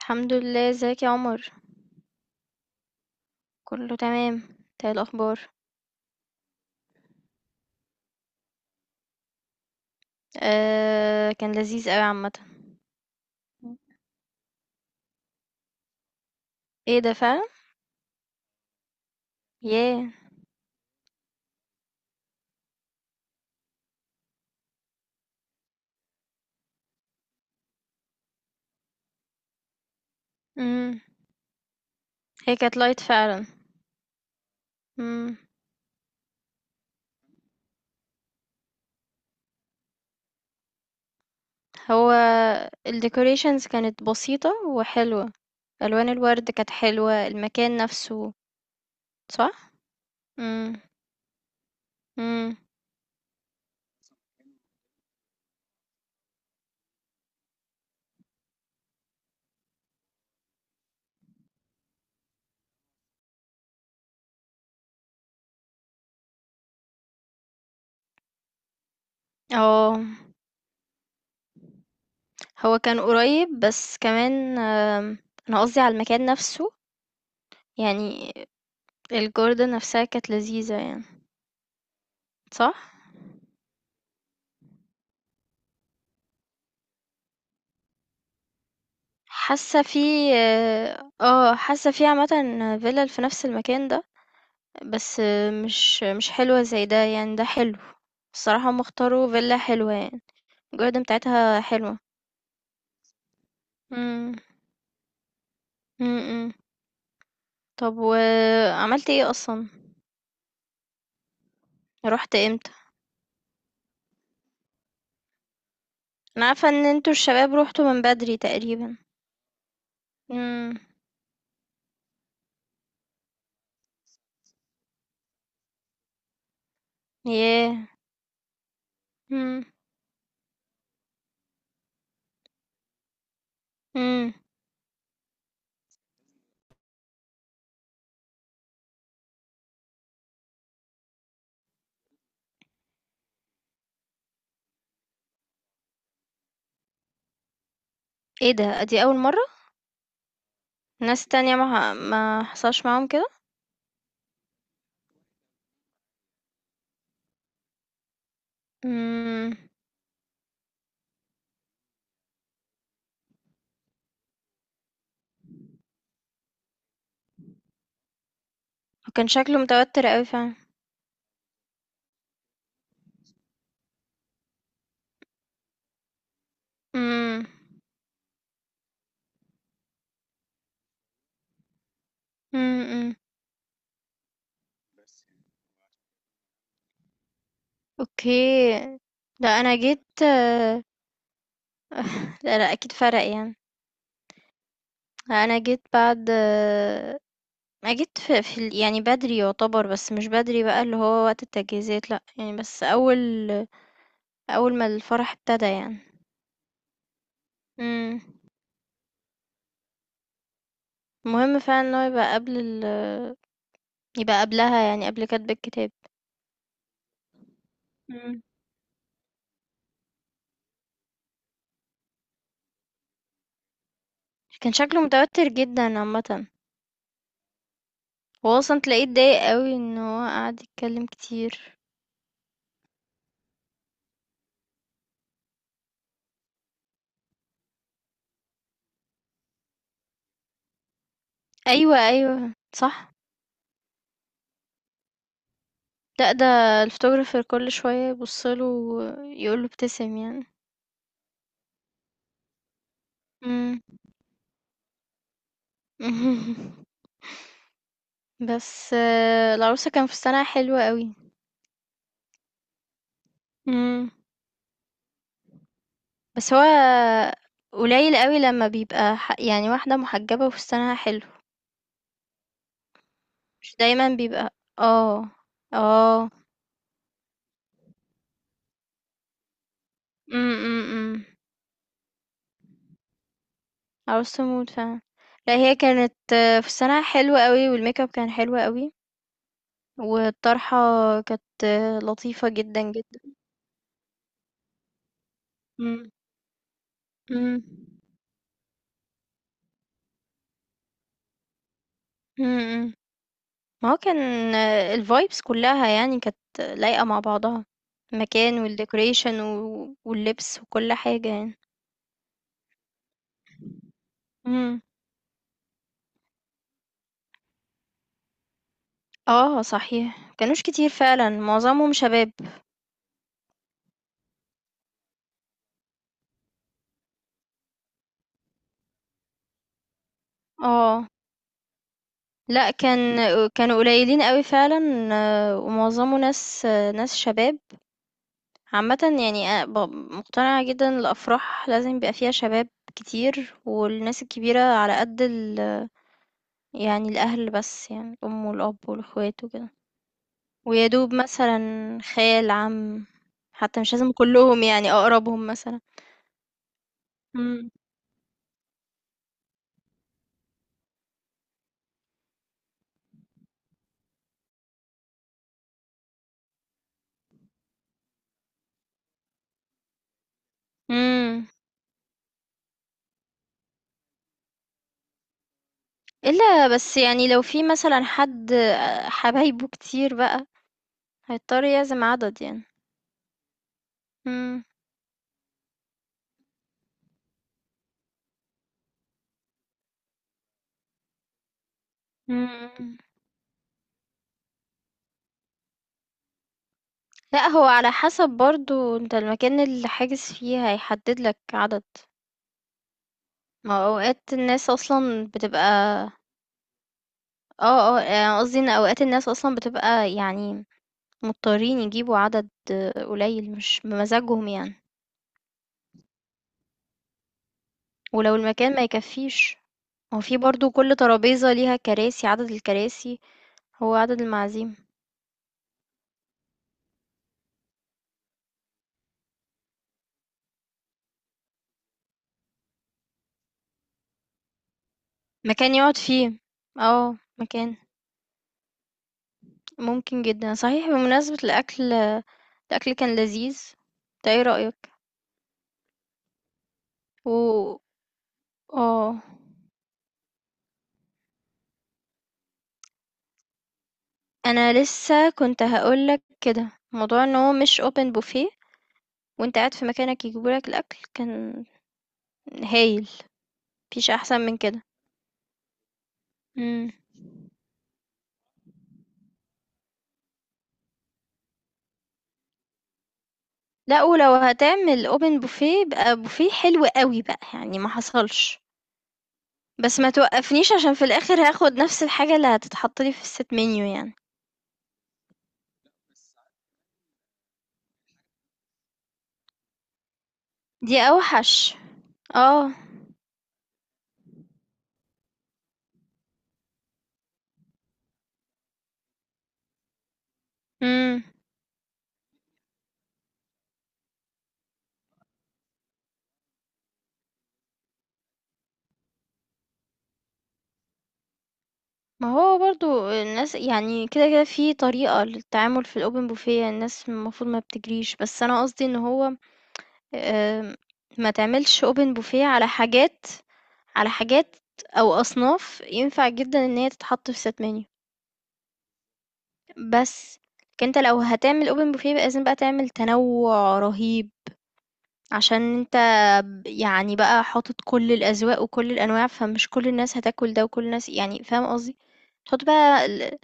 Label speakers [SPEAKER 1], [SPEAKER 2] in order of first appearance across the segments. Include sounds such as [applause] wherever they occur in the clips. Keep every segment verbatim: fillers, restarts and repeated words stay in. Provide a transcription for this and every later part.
[SPEAKER 1] الحمد لله، ازيك يا عمر؟ كله تمام. ايه الاخبار؟ آه، كان لذيذ قوي عامه. ايه ده فعلا. ياه. امم. هي كانت لايت فعلا. امم. هو الديكوريشنز كانت بسيطه وحلوه، الوان الورد كانت حلوه، المكان نفسه. صح. امم، امم. اه، هو كان قريب، بس كمان آم، انا قصدي على المكان نفسه. يعني الجوردن نفسها كانت لذيذه يعني. صح. حاسة في آه، حاسة في عامةً، فيلل في نفس المكان ده، بس مش مش حلوة زي ده، يعني ده حلو، الصراحة هُم اختاروا فيلا حلوة يعني، الgarden بتاعتها حلوة. إمم، إمم، إمم. طب وعملت إيه أصلًا؟ رُحت إمتى؟ أنا عارفة إن أنتم الشباب رُحتوا من بدري تقريبًا. إمم. ياه! إمم، إمم. إيه ده، دي أول مرّة؟ ناس تانية ما ما حصلش معاهم كده؟ إمم. هو كان شكله متوتر أوي فعلًا. امم، امم، أمم. اوكي. لا، انا جيت آه، [laughs] لا، لا، اكيد فرق يعني. لا، انا جيت بعد آه، ما جيت في, في ال- يعني بدري يعتبر، بس مش بدري بقى اللي هو وقت التجهيزات، لا يعني، بس اول اول ما الفرح ابتدى يعني. امم. مهم فعلا ان هو يبقى قبل ال يبقى قبلها، يعني قبل كتب الكتاب. امم. كان شكله متوتر جدا عامة. هو اصلا تلاقيه اتضايق قوي ان هو قعد يتكلم كتير. ايوه، ايوه، صح. لأ، ده الphotographer كل شوية يبُص له ويقول له ابتسم يعني. إمم. [laughs] بس آه، العروسة كان فستانها حلو أوي. إمم. بس هو قليل أوي لمّا بيبقى ح يعني واحدة محجبة وفستانها حلو، مش دايمًا بيبقى آه. آه. إمم، إمم، إمم. عروسة تموت فعلًا. لأ، هي كانت آه، فستانها حلو أوي والmakeup كان حلو أوي، والطرحة كانت آه، لطيفة جدًا، جدًا. إمم. إمم. إمم، إمم. ما هو كان الvibes كلّها يعني كانت لايقة مع بعضها، المكان والdecoration و واللبس وكل حاجة يعني. إمم. آه، صحيح، ما كانوش كتير فعلًا، معظمهم شباب. آه. لأ، كان كانوا قليلين أوي فعلًا آه، ومعظمه ناس آه، ناس شباب. عامةً يعني أنا ب مقتنعة جدًا، الأفراح لازم يبقى فيها شباب كتير، والناس الكبيرة على قد ال يعني الأهل بس، يعني الأم والأب والأخوات وكده. ويدوب مثلا خال، عم، حتى مش لازم كلهم، يعني اقربهم مثلا. امم، امم. الا بس يعني، لو في مثلا حد آه، حبايبه كتير بقى هيضطر يعزم عدد يعني. امم، امم. لا، هو على حسب برضو انت المكان اللي حاجز فيه هيحدد لك عدد. ما هو اوقات الناس اصلا بتبقى. اه، اه، يعني قصدي ان اوقات الناس اصلا بتبقى يعني مضطرين يجيبوا عدد آه، قليل، مش بمزاجهم يعني. ولو المكان ما يكفيش. هو في برضو كل ترابيزة ليها كراسي، عدد الكراسي، هو عدد المعازيم. مكان يقعد فيه. اه، مكان، ممكن جدا صحيح. بمناسبة الأكل، الأكل كان لذيذ. انت ايه رأيك؟ و، اه، انا لسه كنت هقولك كده، موضوع ان هو مش open buffet، وانت قاعد في مكانك يجيبولك الأكل، كان هايل. مفيش أحسن من كده. مم. لا، ولو هتعمل اوبن بوفيه يبقى بوفيه حلو قوي بقى، يعني ما حصلش، بس ما توقفنيش عشان في الاخر هاخد نفس الحاجة اللي هتتحط لي في الست منيو يعني. دي اوحش. اه. امم. ما هو برضو الناس يعني كده كده في طريقة للتعامل في الاوبن بوفيه، الناس المفروض ما بتجريش، بس انا قصدي ان هو آم، ما تعملش اوبن بوفيه على حاجات على حاجات او اصناف ينفع جدا ان هي تتحط في ست منيو، بس. لكن انت لو هتعمل اوبن بوفيه لازم بقى تعمل تنوع رهيب، عشان انت ب- يعني بقى حاطط كل الاذواق وكل الانواع، فمش كل الناس هتاكل ده وكل الناس، يعني فاهم قصدي، تحط بقى ال-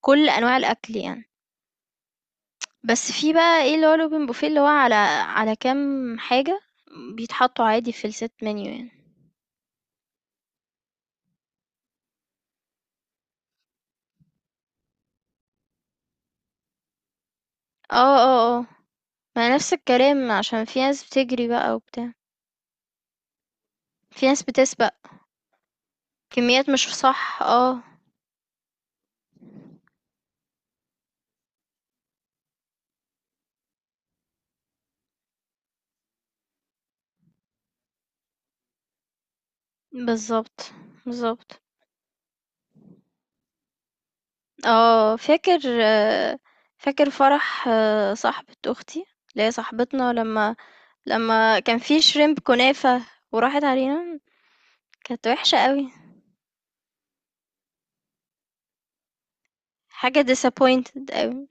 [SPEAKER 1] كل انواع الاكل يعني. بس في بقى ايه اللي هو الاوبن بوفيه اللي هو على على كام حاجة بيتحطوا عادي في الست منيو يعني. اه، اه، اه. ما نفس الكلام، عشان في ناس بتجري بقى وبتاع، في ناس بتسبق. كميات، مش صح، اه. بالظبط، بالظبط. اه، فاكر آه، فاكر فرح آه، صاحبة اختي، اللي هي صاحبتنا، لما لما كان في شريمب كنافة وراحت علينا. كانت وحشة قوي. حاجة disappointed قوي،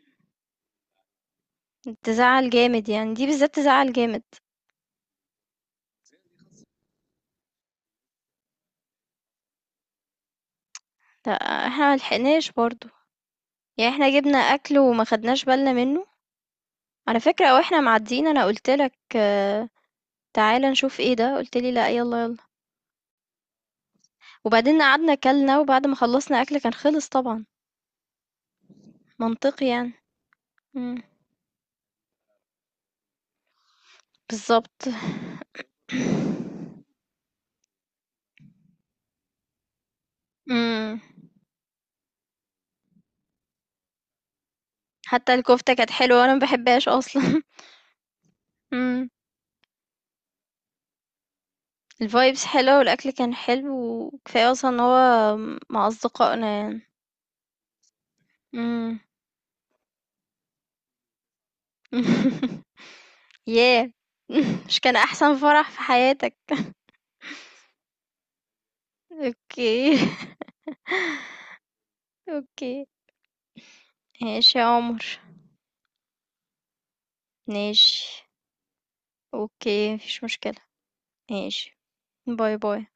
[SPEAKER 1] تزعل جامد يعني، دي بالذات تزعل جامد. لا، احنا ملحقناش برضو، يعني احنا جبنا اكل وما خدناش بالنا منه، على فكرة. واحنا معديين انا قلتلك آه، تعالى نشوف ايه ده، قلتلي لا يلا يلا، وبعدين قعدنا كلنا، وبعد ما خلصنا اكل كان خلص طبعا. منطقي يعني. مم. بالظبط. امم. حتى الكفتة كانت حلوة وانا ما بحبهاش اصلا. [laughs] امم. الفايبس حلوة والاكل كان حلو، وكفاية اصلا ان هو مع اصدقائنا يعني. امم. [laughs] ياه. [laughs] مش كان احسن فرح في حياتك؟ اوكي. [laughs] اوكي. ماشي يا عمر. ماشي. اوكي، مفيش مشكلة. ماشي. باي باي.